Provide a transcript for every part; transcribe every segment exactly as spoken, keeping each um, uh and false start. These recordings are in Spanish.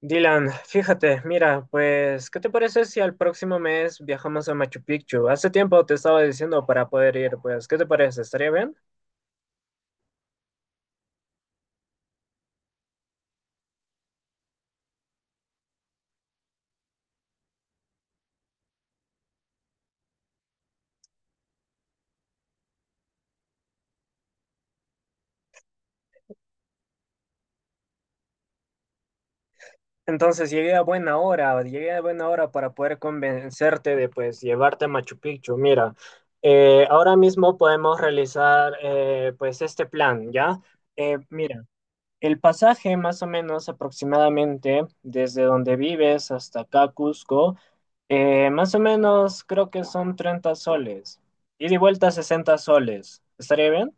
Dylan, fíjate, mira, pues, ¿qué te parece si al próximo mes viajamos a Machu Picchu? Hace tiempo te estaba diciendo para poder ir, pues, ¿qué te parece? ¿Estaría bien? Entonces llegué a buena hora, llegué a buena hora para poder convencerte de, pues, llevarte a Machu Picchu. Mira, eh, ahora mismo podemos realizar, eh, pues, este plan, ¿ya? Eh, mira, El pasaje, más o menos aproximadamente, desde donde vives hasta acá, Cusco, eh, más o menos creo que son treinta soles. Ida y vuelta sesenta soles. ¿Estaría bien?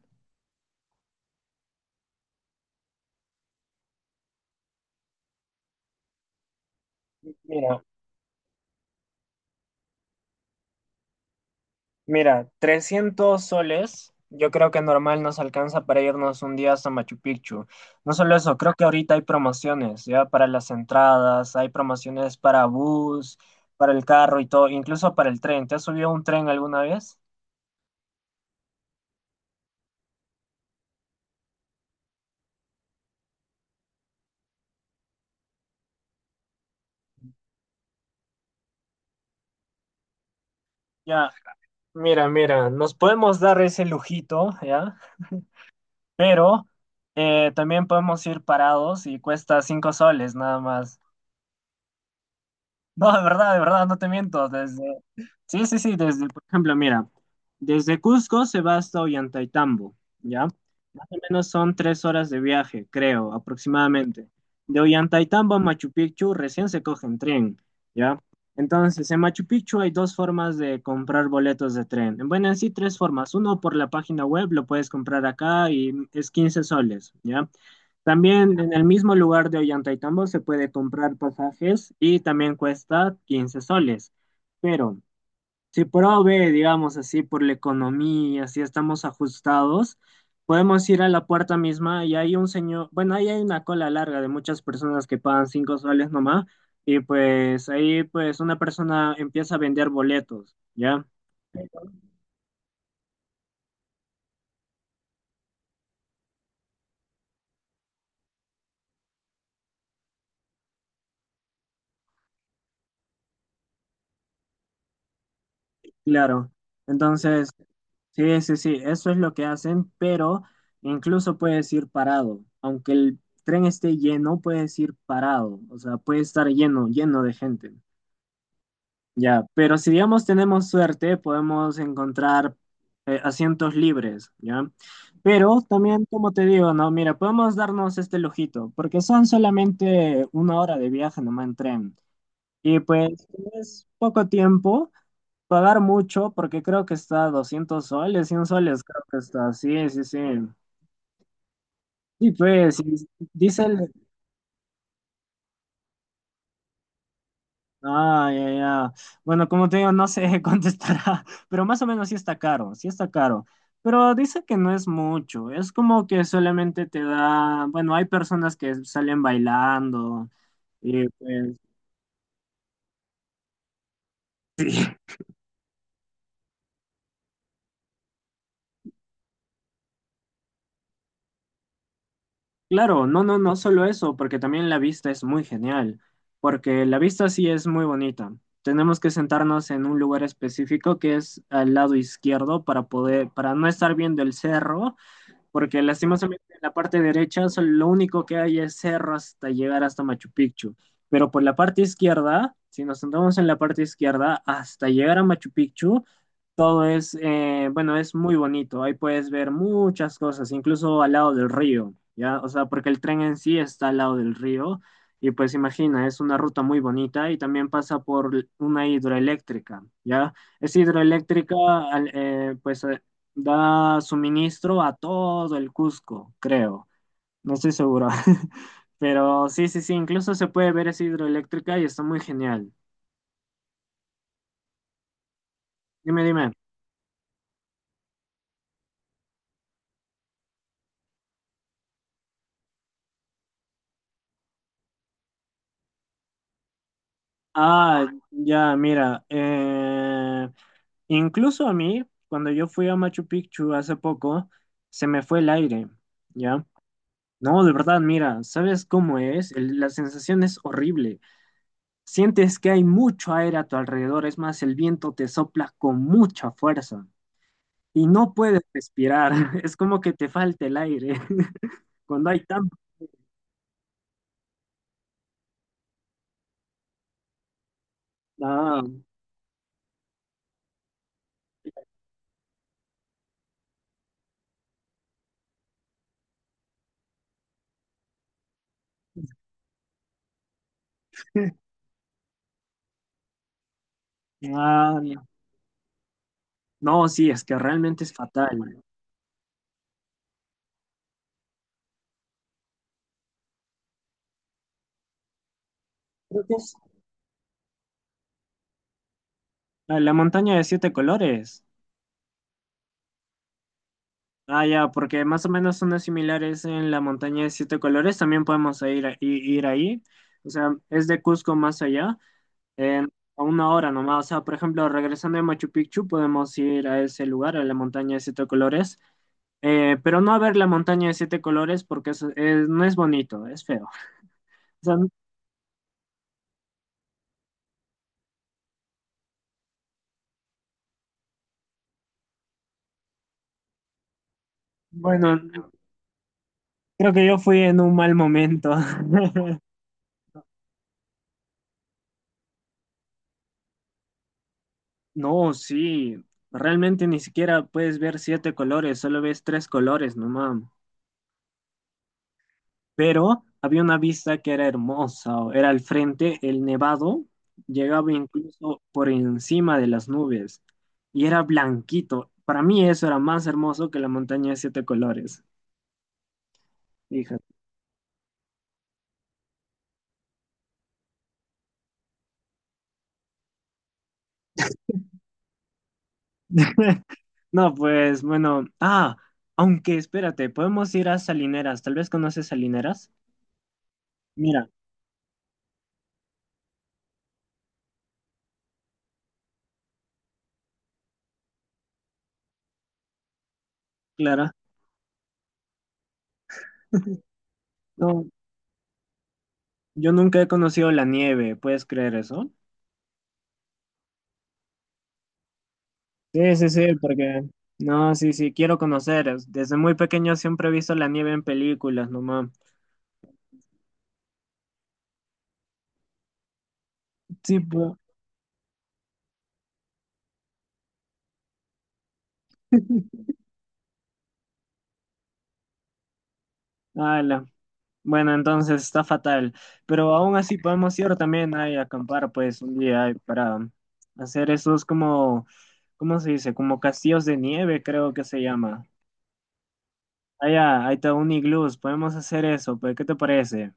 Mira, mira, trescientos soles, yo creo que normal nos alcanza para irnos un día hasta Machu Picchu. No solo eso, creo que ahorita hay promociones, ya para las entradas, hay promociones para bus, para el carro y todo, incluso para el tren. ¿Te has subido a un tren alguna vez? Ya. Mira, mira, nos podemos dar ese lujito, ¿ya? Pero eh, también podemos ir parados y cuesta cinco soles nada más. No, de verdad, de verdad, no te miento. Desde... Sí, sí, sí, desde, por ejemplo, mira, desde Cusco se va hasta Ollantaytambo, ¿ya? Más o menos son tres horas de viaje, creo, aproximadamente. De Ollantaytambo a Machu Picchu recién se coge en tren, ¿ya? Entonces, en Machu Picchu hay dos formas de comprar boletos de tren. Bueno, en sí, tres formas. Uno, por la página web, lo puedes comprar acá y es quince soles, ¿ya? También en el mismo lugar de Ollantaytambo se puede comprar pasajes y también cuesta quince soles. Pero si prove, digamos así, por la economía, si estamos ajustados, podemos ir a la puerta misma y hay un señor, bueno, ahí hay una cola larga de muchas personas que pagan cinco soles nomás y pues ahí pues una persona empieza a vender boletos, ¿ya? Claro. Entonces, sí, sí, sí, eso es lo que hacen, pero incluso puedes ir parado, aunque el tren esté lleno, puedes ir parado, o sea, puede estar lleno, lleno de gente. Ya, pero si digamos tenemos suerte, podemos encontrar eh, asientos libres, ¿ya? Pero también, como te digo, no, mira, podemos darnos este lujito, porque son solamente una hora de viaje nomás en tren. Y pues es poco tiempo, pagar mucho, porque creo que está a doscientos soles, cien soles, creo que está, sí, sí, sí. Y pues, y dice, ah, ya, ya. Bueno, como te digo, no sé contestará, pero más o menos sí está caro, sí está caro. Pero dice que no es mucho, es como que solamente te da, bueno, hay personas que salen bailando y pues, sí, claro, no, no, no solo eso, porque también la vista es muy genial, porque la vista sí es muy bonita. Tenemos que sentarnos en un lugar específico que es al lado izquierdo para poder, para no estar viendo el cerro porque lastimosamente en la parte derecha sol- lo único que hay es cerro hasta llegar hasta Machu Picchu, pero por la parte izquierda, si nos sentamos en la parte izquierda, hasta llegar a Machu Picchu, todo es, eh, bueno, es muy bonito, ahí puedes ver muchas cosas, incluso al lado del río, ¿ya? O sea, porque el tren en sí está al lado del río. Y pues imagina, es una ruta muy bonita y también pasa por una hidroeléctrica, ¿ya? Es hidroeléctrica, al- eh, pues da suministro a todo el Cusco, creo. No estoy seguro. Pero sí, sí, sí, incluso se puede ver esa hidroeléctrica y está muy genial. Dime, dime. Ah, ya, mira. eh, incluso a mí, cuando yo fui a Machu Picchu hace poco, se me fue el aire, ¿ya? No, de verdad, mira, ¿sabes cómo es? El- la sensación es horrible. Sientes que hay mucho aire a tu alrededor, es más, el viento te sopla con mucha fuerza. Y no puedes respirar. Es como que te falta el aire. Cuando hay tan... Ah, ah, no, sí, es que realmente es fatal. Creo que es ah, la montaña de siete colores. Ah, ya, porque más o menos son las similares en la montaña de siete colores. También podemos ir, a- i- ir ahí. O sea, es de Cusco más allá, en- a una hora nomás. O sea, por ejemplo, regresando de Machu Picchu, podemos ir a ese lugar, a la montaña de siete colores. Eh, pero no a ver la montaña de siete colores porque es- es- no es bonito, es feo. O sea, bueno, creo que yo fui en un mal momento. No, sí, realmente ni siquiera puedes ver siete colores, solo ves tres colores nomás. Pero había una vista que era hermosa, o era al frente, el nevado llegaba incluso por encima de las nubes y era blanquito. Para mí eso era más hermoso que la montaña de siete colores. Fíjate. No, pues bueno, ah, aunque espérate, podemos ir a Salineras, tal vez conoces Salineras. Mira, Clara, no, yo nunca he conocido la nieve, ¿puedes creer eso? Sí, sí, sí, porque... No, sí, sí, quiero conocer. es- Desde muy pequeño siempre he visto la nieve en películas, nomás. Sí, pues, ala. Bueno, entonces está fatal. Pero aún así podemos ir también ahí a acampar, pues, un día ahí para hacer esos como, ¿cómo se dice? Como castillos de nieve, creo que se llama. Allá, ahí está Uniglus, podemos hacer eso, pues, ¿qué te parece?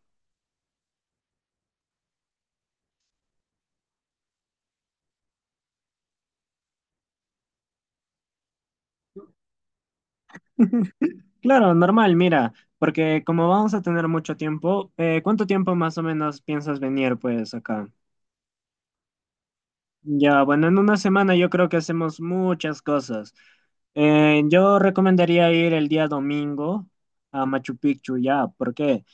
Claro, normal, mira, porque como vamos a tener mucho tiempo, eh, ¿cuánto tiempo más o menos piensas venir, pues, acá? Ya, bueno, en una semana yo creo que hacemos muchas cosas. Eh, yo recomendaría ir el día domingo a Machu Picchu, ya, ¿por qué?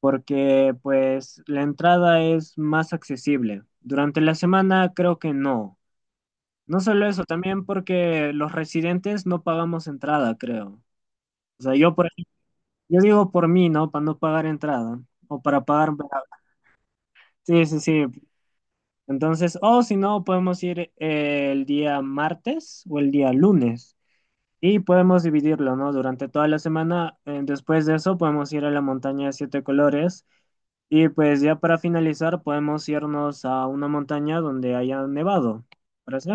Porque, pues, la entrada es más accesible. Durante la semana creo que no. No solo eso, también porque los residentes no pagamos entrada, creo. O sea, yo por ej- yo digo por mí, ¿no? Para no pagar entrada o para pagar. Sí, sí, sí. Entonces, o si no, podemos ir eh, el día martes o el día lunes y podemos dividirlo, ¿no? Durante toda la semana. Eh, después de eso, podemos ir a la montaña de siete colores y pues ya para finalizar, podemos irnos a una montaña donde haya nevado. ¿Parece?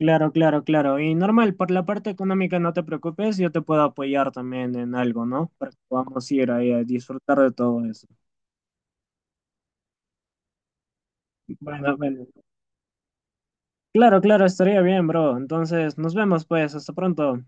Claro, claro, claro. Y normal, por la parte económica no te preocupes, yo te puedo apoyar también en algo, ¿no? Para que podamos ir ahí a disfrutar de todo eso. Bueno, bueno. Claro, claro, estaría bien, bro. Entonces, nos vemos pues, hasta pronto.